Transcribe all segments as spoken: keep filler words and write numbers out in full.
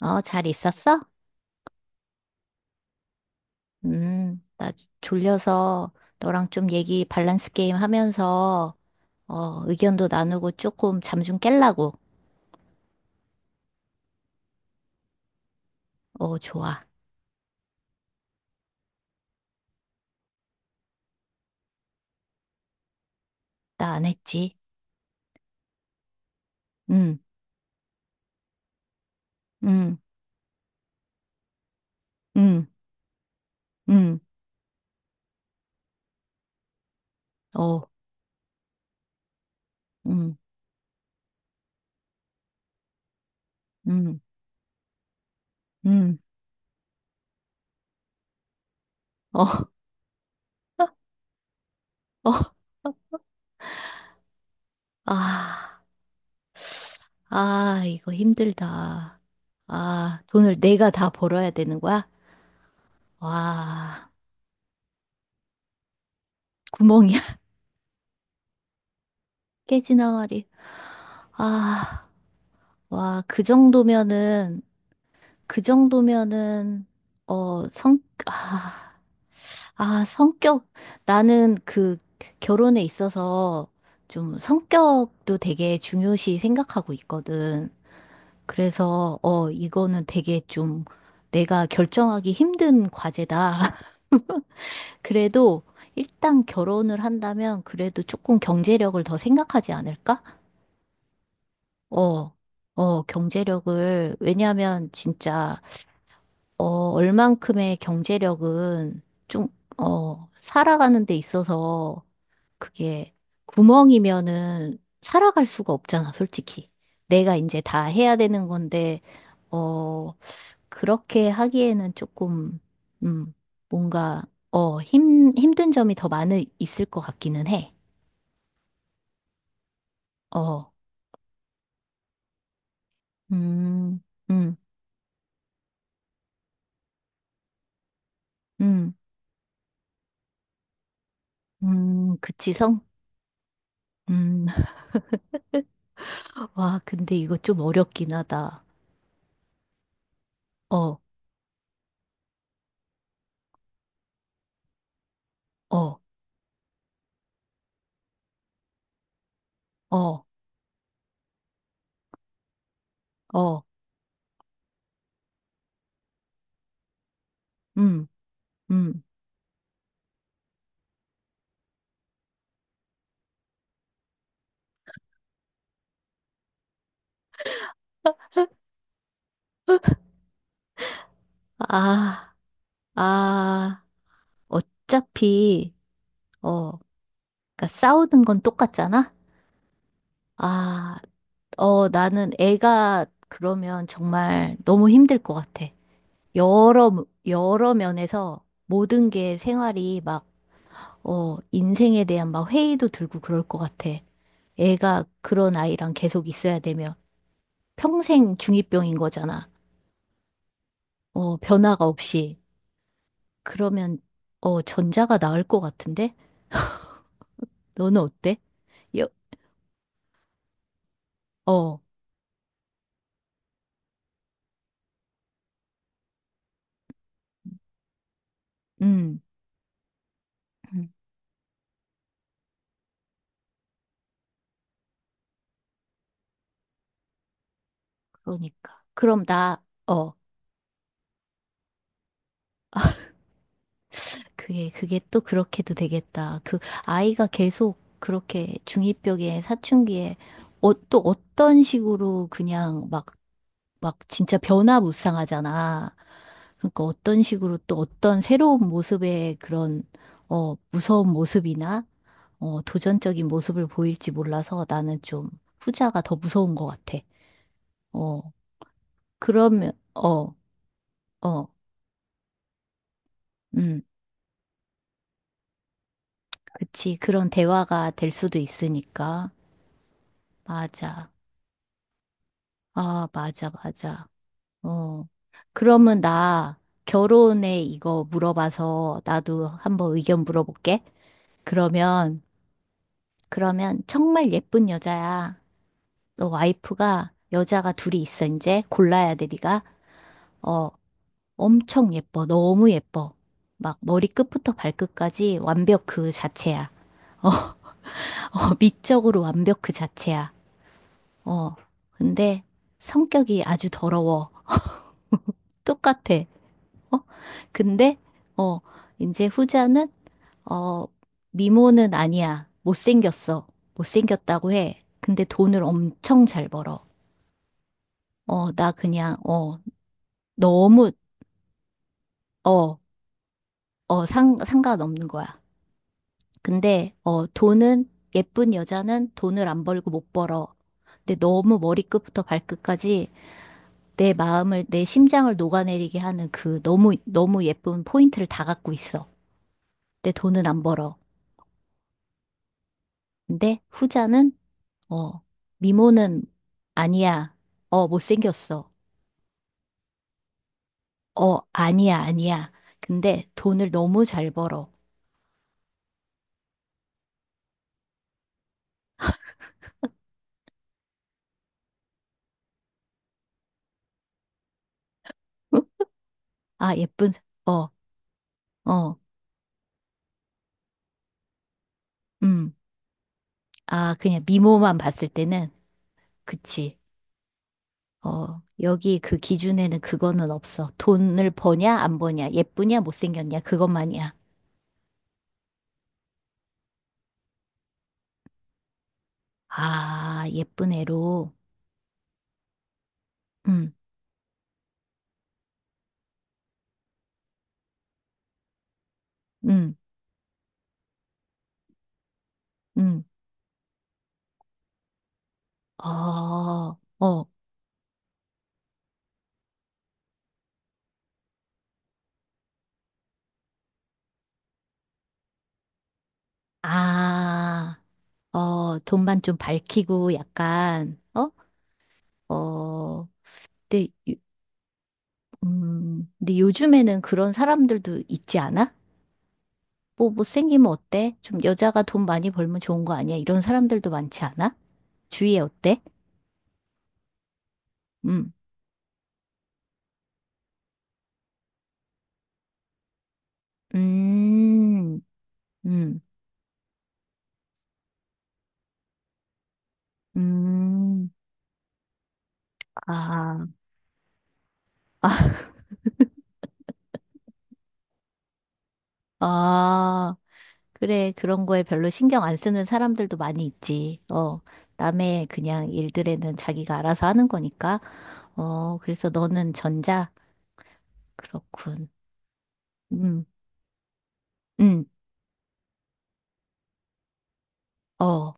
어, 잘 있었어? 음, 나 졸려서 너랑 좀 얘기 밸런스 게임 하면서, 어, 의견도 나누고 조금 잠 좀 깰라고. 어, 좋아. 나 안 했지. 음, 음, 음, 음, 어, 음, 음, 음, 어, 어. 아, 아, 이거 힘들다. 아, 돈을 내가 다 벌어야 되는 거야? 와, 구멍이야. 깨지나가리. 아, 와, 그 정도면은, 그 정도면은 어, 성, 아, 아, 성격. 나는 그 결혼에 있어서 좀 성격도 되게 중요시 생각하고 있거든. 그래서 어, 이거는 되게 좀 내가 결정하기 힘든 과제다. 그래도 일단 결혼을 한다면 그래도 조금 경제력을 더 생각하지 않을까? 어, 어, 경제력을, 왜냐하면 진짜 어, 얼만큼의 경제력은 좀, 어, 살아가는 데 있어서 그게 구멍이면은 살아갈 수가 없잖아, 솔직히. 내가 이제 다 해야 되는 건데, 어, 그렇게 하기에는 조금, 음, 뭔가, 어, 힘, 힘든 점이 더 많이 있을 것 같기는 해. 어, 음, 음, 음, 음, 그치, 성? 음, 와, 근데 이거 좀 어렵긴 하다. 어, 어, 어. 어, 음, 음. 아, 아, 어차피, 어, 그러니까 싸우는 건 똑같잖아? 아, 어, 나는 애가 그러면 정말 너무 힘들 것 같아. 여러, 여러 면에서 모든 게 생활이 막, 어, 인생에 대한 막 회의도 들고 그럴 것 같아. 애가 그런 아이랑 계속 있어야 되면 평생 중이병인 거잖아. 어, 변화가 없이. 그러면, 어, 전자가 나을 것 같은데? 너는 어때? 여, 어, 음, 음, 그러니까. 그럼 나, 어, 그게, 그게 또 그렇게도 되겠다. 그 아이가 계속 그렇게 중이병에 사춘기에 어, 또 어떤 식으로 그냥 막, 막 진짜 변화무쌍하잖아. 그러니까 어떤 식으로 또 어떤 새로운 모습의 그런, 어, 무서운 모습이나, 어, 도전적인 모습을 보일지 몰라서 나는 좀 후자가 더 무서운 것 같아. 어, 그러면, 어, 어, 음, 그치. 그런 대화가 될 수도 있으니까. 맞아. 아, 맞아, 맞아. 어. 그러면 나 결혼에 이거 물어봐서 나도 한번 의견 물어볼게. 그러면, 그러면 정말 예쁜 여자야. 너 와이프가 여자가 둘이 있어, 이제. 골라야 돼, 네가. 어, 엄청 예뻐. 너무 예뻐. 막 머리 끝부터 발끝까지 완벽 그 자체야. 어, 미적으로 완벽 그 자체야. 어, 근데 성격이 아주 더러워. 똑같아. 어? 근데, 어, 이제 후자는, 어, 미모는 아니야. 못생겼어. 못생겼다고 해. 근데 돈을 엄청 잘 벌어. 어, 나 그냥, 어, 너무, 어, 어, 상, 상관없는 거야. 근데, 어, 돈은, 예쁜 여자는 돈을 안 벌고 못 벌어. 근데 너무 머리끝부터 발끝까지 내 마음을, 내 심장을 녹아내리게 하는 그 너무, 너무 예쁜 포인트를 다 갖고 있어. 내 돈은 안 벌어. 근데 후자는, 어, 미모는 아니야. 어, 못생겼어. 어, 아니야, 아니야. 근데 돈을 너무 잘 벌어. 응? 아, 예쁜, 어, 어, 음. 아, 그냥 미모만 봤을 때는, 그치. 어, 여기 그 기준에는 그거는 없어. 돈을 버냐, 안 버냐, 예쁘냐, 못생겼냐, 그것만이야. 아, 예쁜 애로. 음, 음, 음. 어, 어, 아, 어, 돈만 좀 밝히고 약간, 어? 어, 근데, 요- 음, 근데 요즘에는 그런 사람들도 있지 않아? 뭐, 못생기면 어때? 좀 여자가 돈 많이 벌면 좋은 거 아니야? 이런 사람들도 많지 않아? 주위에 어때? 음, 음, 음, 음. 아, 아, 그래, 그런 거에 별로 신경 안 쓰는 사람들도 많이 있지. 어, 남의 그냥 일들에는 자기가 알아서 하는 거니까. 어, 그래서 너는 전자? 그렇군. 음, 음, 어, 어,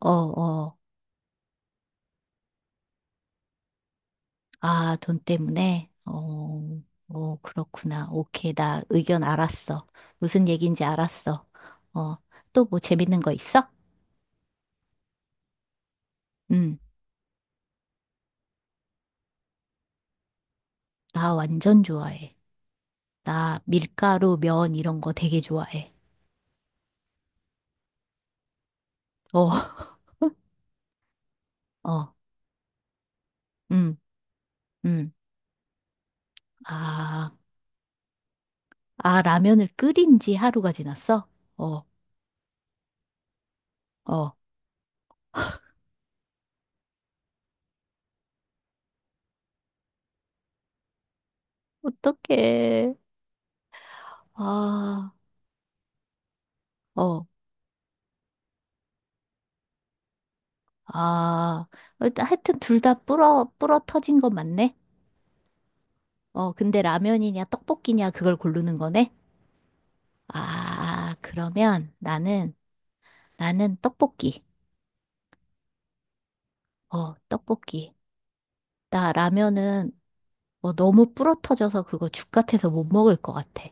어, 어. 아, 돈 때문에? 어, 어, 그렇구나. 오케이, 나 의견 알았어. 무슨 얘기인지 알았어. 어, 또 뭐 재밌는 거 있어? 음, 나 완전 좋아해. 나 밀가루, 면 이런 거 되게 좋아해. 어, 어. 음. 음. 아, 아, 라면을 끓인 지 하루가 지났어? 어, 어. 어떡해. 아, 어, 아. 일단 하여튼 둘 다 불어, 불어 터진 건 맞네? 어, 근데 라면이냐, 떡볶이냐, 그걸 고르는 거네? 아, 그러면 나는, 나는 떡볶이. 어, 떡볶이. 나 라면은 뭐 너무 불어 터져서 그거 죽 같아서 못 먹을 것 같아.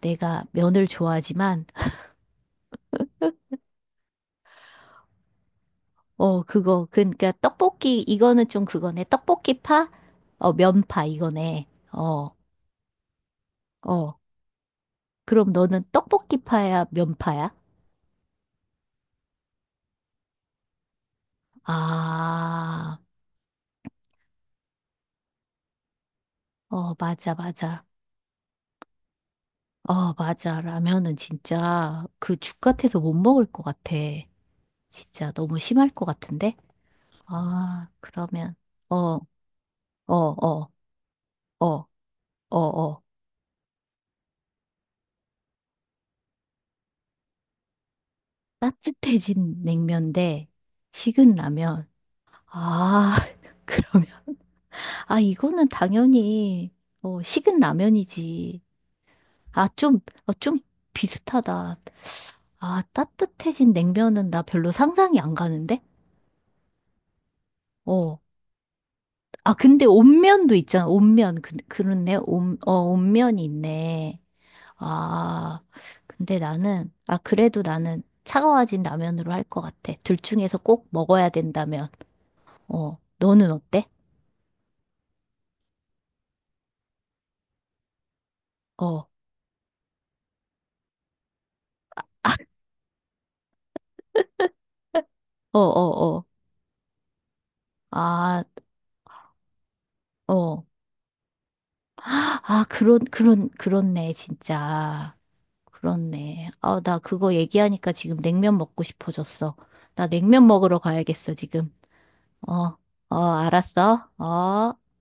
내가 면을 좋아하지만, 어, 그거. 그러니까 떡볶이 이거는 좀 그거네. 떡볶이 파? 어, 면파 이거네. 어. 어. 그럼 너는 떡볶이 파야, 면파야? 아. 어, 맞아, 맞아. 어, 맞아. 라면은 진짜 그 죽 같아서 못 먹을 것 같아. 진짜 너무 심할 것 같은데? 아, 그러면 어, 어, 어, 어, 어, 어. 따뜻해진 냉면 대 식은 라면. 아, 그러면 아, 이거는 당연히, 어, 식은 라면이지. 아, 좀, 어, 좀 비슷하다. 아, 따뜻해진 냉면은 나 별로 상상이 안 가는데? 어. 아, 근데 온면도 있잖아. 온면. 그, 그렇네. 온, 어, 온면이 있네. 아, 근데 나는, 아, 그래도 나는 차가워진 라면으로 할 것 같아. 둘 중에서 꼭 먹어야 된다면. 어, 너는 어때? 어, 어, 어, 어. 아, 어. 아, 그런, 그런, 그렇네, 진짜. 그렇네. 아, 나 그거 얘기하니까 지금 냉면 먹고 싶어졌어. 나 냉면 먹으러 가야겠어, 지금. 어, 어, 알았어. 어.